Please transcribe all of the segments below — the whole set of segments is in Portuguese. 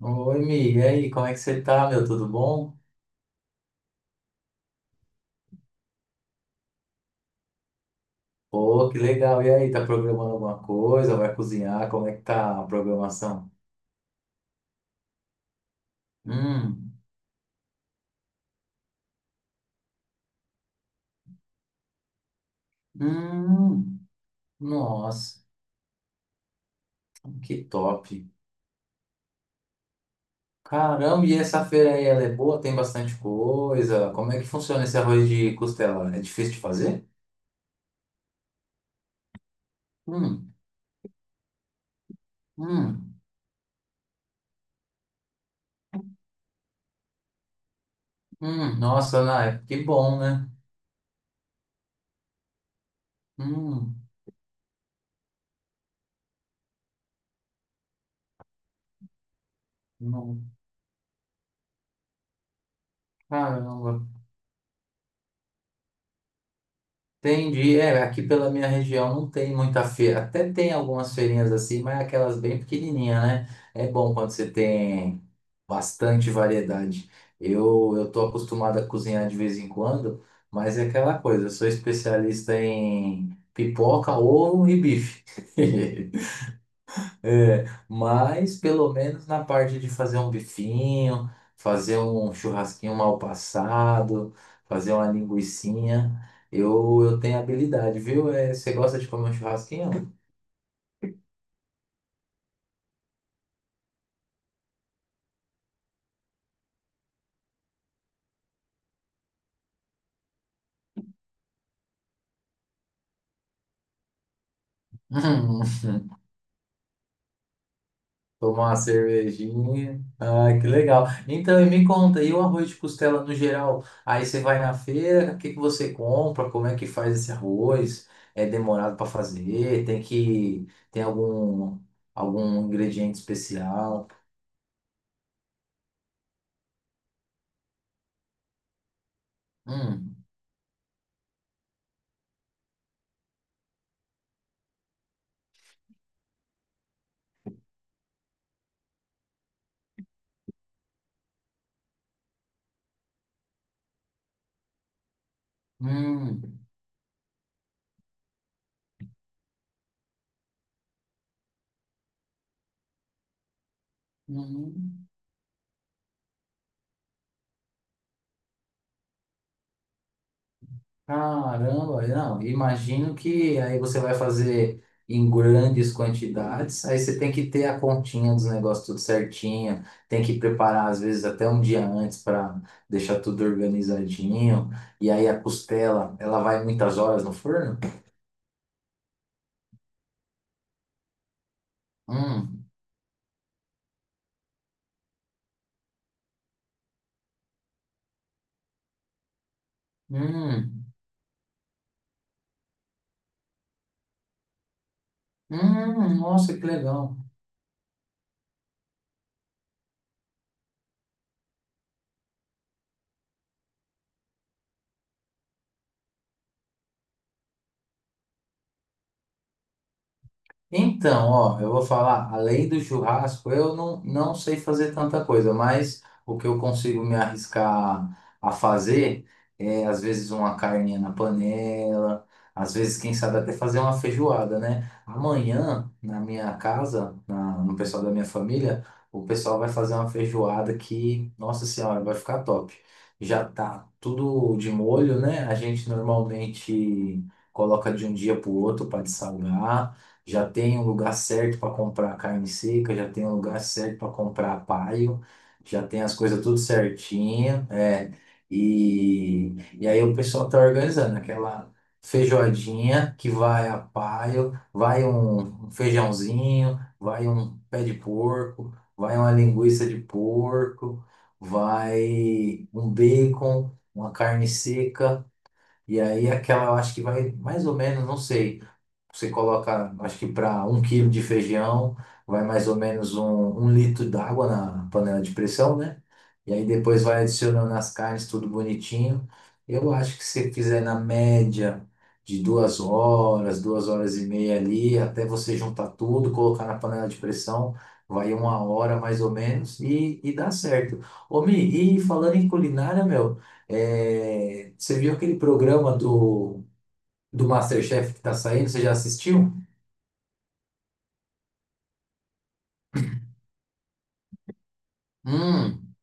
Oi, Mi, e aí, como é que você tá, meu? Tudo bom? Pô, que legal. E aí, tá programando alguma coisa? Vai cozinhar? Como é que tá a programação? Hum, hum, nossa, que top. Caramba, e essa feira aí, ela é boa? Tem bastante coisa? Como é que funciona esse arroz de costela? É difícil de fazer? Hum, hum, nossa, Ana, que bom, né? Hum, não, caramba. Entendi. É, aqui pela minha região não tem muita feira. Até tem algumas feirinhas assim, mas aquelas bem pequenininhas, né? É bom quando você tem bastante variedade. Eu tô acostumado a cozinhar de vez em quando, mas é aquela coisa, eu sou especialista em pipoca, ovo e bife. É, mas pelo menos na parte de fazer um bifinho, fazer um churrasquinho mal passado, fazer uma linguicinha, eu tenho habilidade, viu? É, você gosta de comer um churrasquinho? Hum. Tomar uma cervejinha. Ah, que legal. Então, e me conta, e o arroz de costela no geral? Aí você vai na feira, o que que você compra? Como é que faz esse arroz? É demorado para fazer? Tem que tem algum ingrediente especial? Hum, hum, hum. Caramba, não, imagino que aí você vai fazer em grandes quantidades, aí você tem que ter a continha dos negócios tudo certinho, tem que preparar às vezes até um dia antes para deixar tudo organizadinho, e aí a costela, ela vai muitas horas no forno? Hum, hum, nossa, que legal. Então, ó, eu vou falar, além do churrasco, eu não, não sei fazer tanta coisa, mas o que eu consigo me arriscar a fazer é, às vezes, uma carninha na panela, às vezes, quem sabe, até fazer uma feijoada, né? Amanhã, na minha casa, no pessoal da minha família, o pessoal vai fazer uma feijoada que, nossa senhora, vai ficar top. Já tá tudo de molho, né? A gente normalmente coloca de um dia pro outro para dessalgar. Já tem um lugar certo para comprar carne seca, já tem um lugar certo para comprar paio, já tem as coisas tudo certinho, é. E aí o pessoal tá organizando aquela feijoadinha que vai a paio, vai um feijãozinho, vai um pé de porco, vai uma linguiça de porco, vai um bacon, uma carne seca, e aí aquela eu acho que vai mais ou menos, não sei. Você coloca, acho que para um quilo de feijão, vai mais ou menos um litro d'água na panela de pressão, né? E aí depois vai adicionando as carnes, tudo bonitinho. Eu acho que se fizer na média de 2 horas, 2 horas e meia ali, até você juntar tudo, colocar na panela de pressão, vai uma hora mais ou menos e dá certo. Ô, Mi, e falando em culinária, meu, é, você viu aquele programa do MasterChef que tá saindo? Você já assistiu? Hum,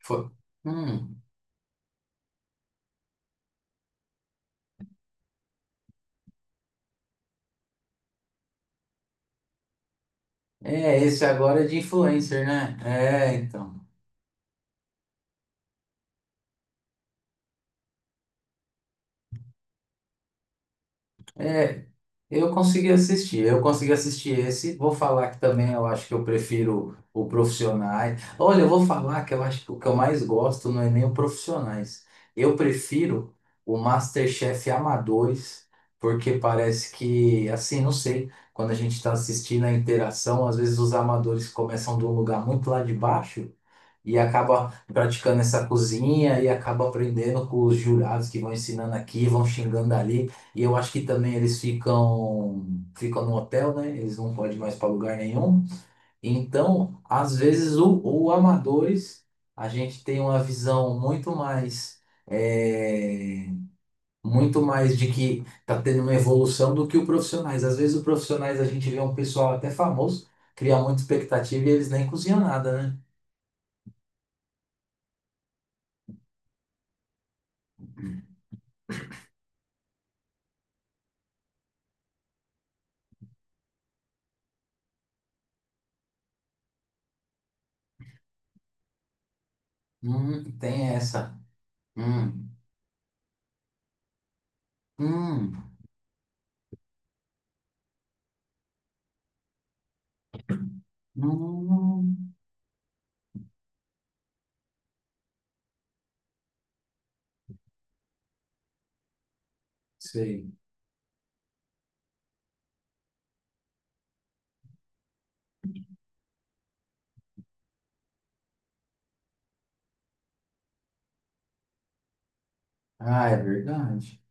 foi. Hum, é, esse agora é de influencer, né? É, então. É, eu consegui assistir esse. Vou falar que também eu acho que eu prefiro o Profissionais. Olha, eu vou falar que eu acho que o que eu mais gosto não é nem o Profissionais. Eu prefiro o MasterChef Amadores, porque parece que, assim, não sei, quando a gente está assistindo a interação, às vezes os amadores começam de um lugar muito lá de baixo. E acaba praticando essa cozinha e acaba aprendendo com os jurados que vão ensinando aqui, vão xingando ali. E eu acho que também eles ficam no hotel, né? Eles não podem mais para lugar nenhum. Então, às vezes o amadores a gente tem uma visão é, muito mais de que tá tendo uma evolução do que o profissionais. Às vezes o profissionais a gente vê um pessoal até famoso, cria muita expectativa e eles nem cozinham nada, né? Tem essa. Hum, hum, hum, hum, hum. Sei. Ah, é verdade.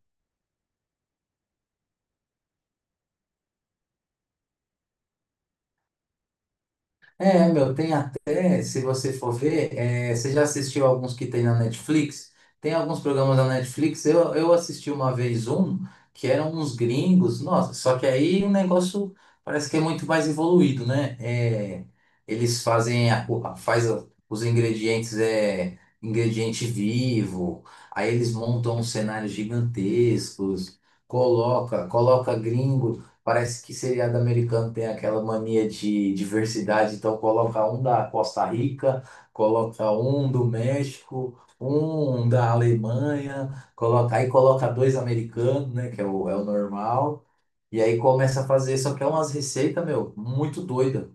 É, meu, tem até, se você for ver, você já assistiu alguns que tem na Netflix? Tem alguns programas da Netflix, eu assisti uma vez um, que eram uns gringos, nossa, só que aí o negócio parece que é muito mais evoluído, né? É, eles fazem a, o- a- faz a- os ingredientes, ingrediente vivo, aí eles montam uns cenários gigantescos, coloca gringo. Parece que seriado americano tem aquela mania de diversidade, então coloca um da Costa Rica, coloca um do México, um da Alemanha, aí coloca dois americanos, né, que é o normal, e aí começa a fazer, só que é umas receitas, meu, muito doida.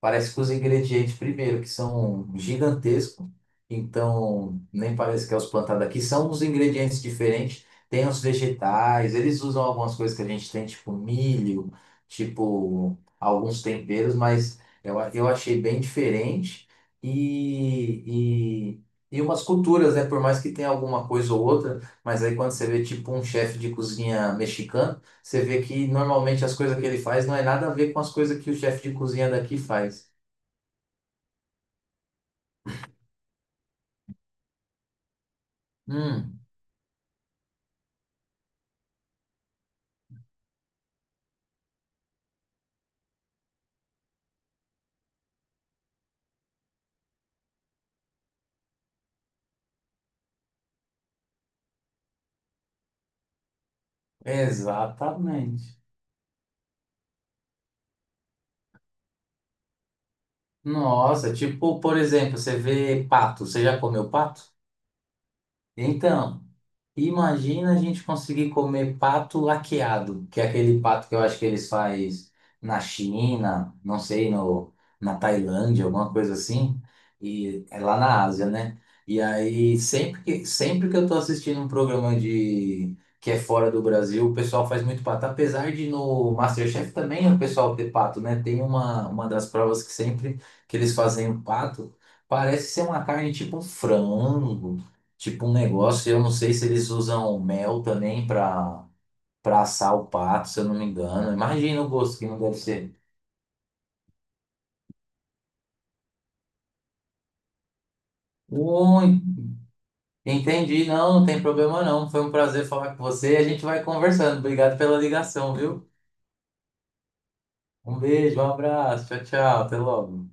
Parece que os ingredientes, primeiro, que são gigantescos, então nem parece que é os plantados aqui, são uns ingredientes diferentes. Tem os vegetais, eles usam algumas coisas que a gente tem, tipo milho, tipo alguns temperos, mas eu achei bem diferente. E, e, e umas culturas, né? Por mais que tenha alguma coisa ou outra, mas aí quando você vê, tipo, um chefe de cozinha mexicano. Você vê que normalmente as coisas que ele faz não é nada a ver com as coisas que o chefe de cozinha daqui faz. Hum, exatamente. Nossa, tipo, por exemplo, você vê pato. Você já comeu pato? Então. Imagina a gente conseguir comer pato laqueado, que é aquele pato que eu acho que eles faz na China, não sei, no, na Tailândia, alguma coisa assim, e é lá na Ásia, né? E aí, sempre que eu tô assistindo um programa de que é fora do Brasil, o pessoal faz muito pato. Apesar de no MasterChef também o pessoal ter pato, né? Tem uma das provas que sempre que eles fazem o pato, parece ser uma carne tipo um frango, tipo um negócio, eu não sei se eles usam mel também para assar o pato, se eu não me engano. Imagina o gosto que não deve ser. Ui, entendi, não, não tem problema não. Foi um prazer falar com você e a gente vai conversando. Obrigado pela ligação, viu? Um beijo, um abraço, tchau, tchau, até logo.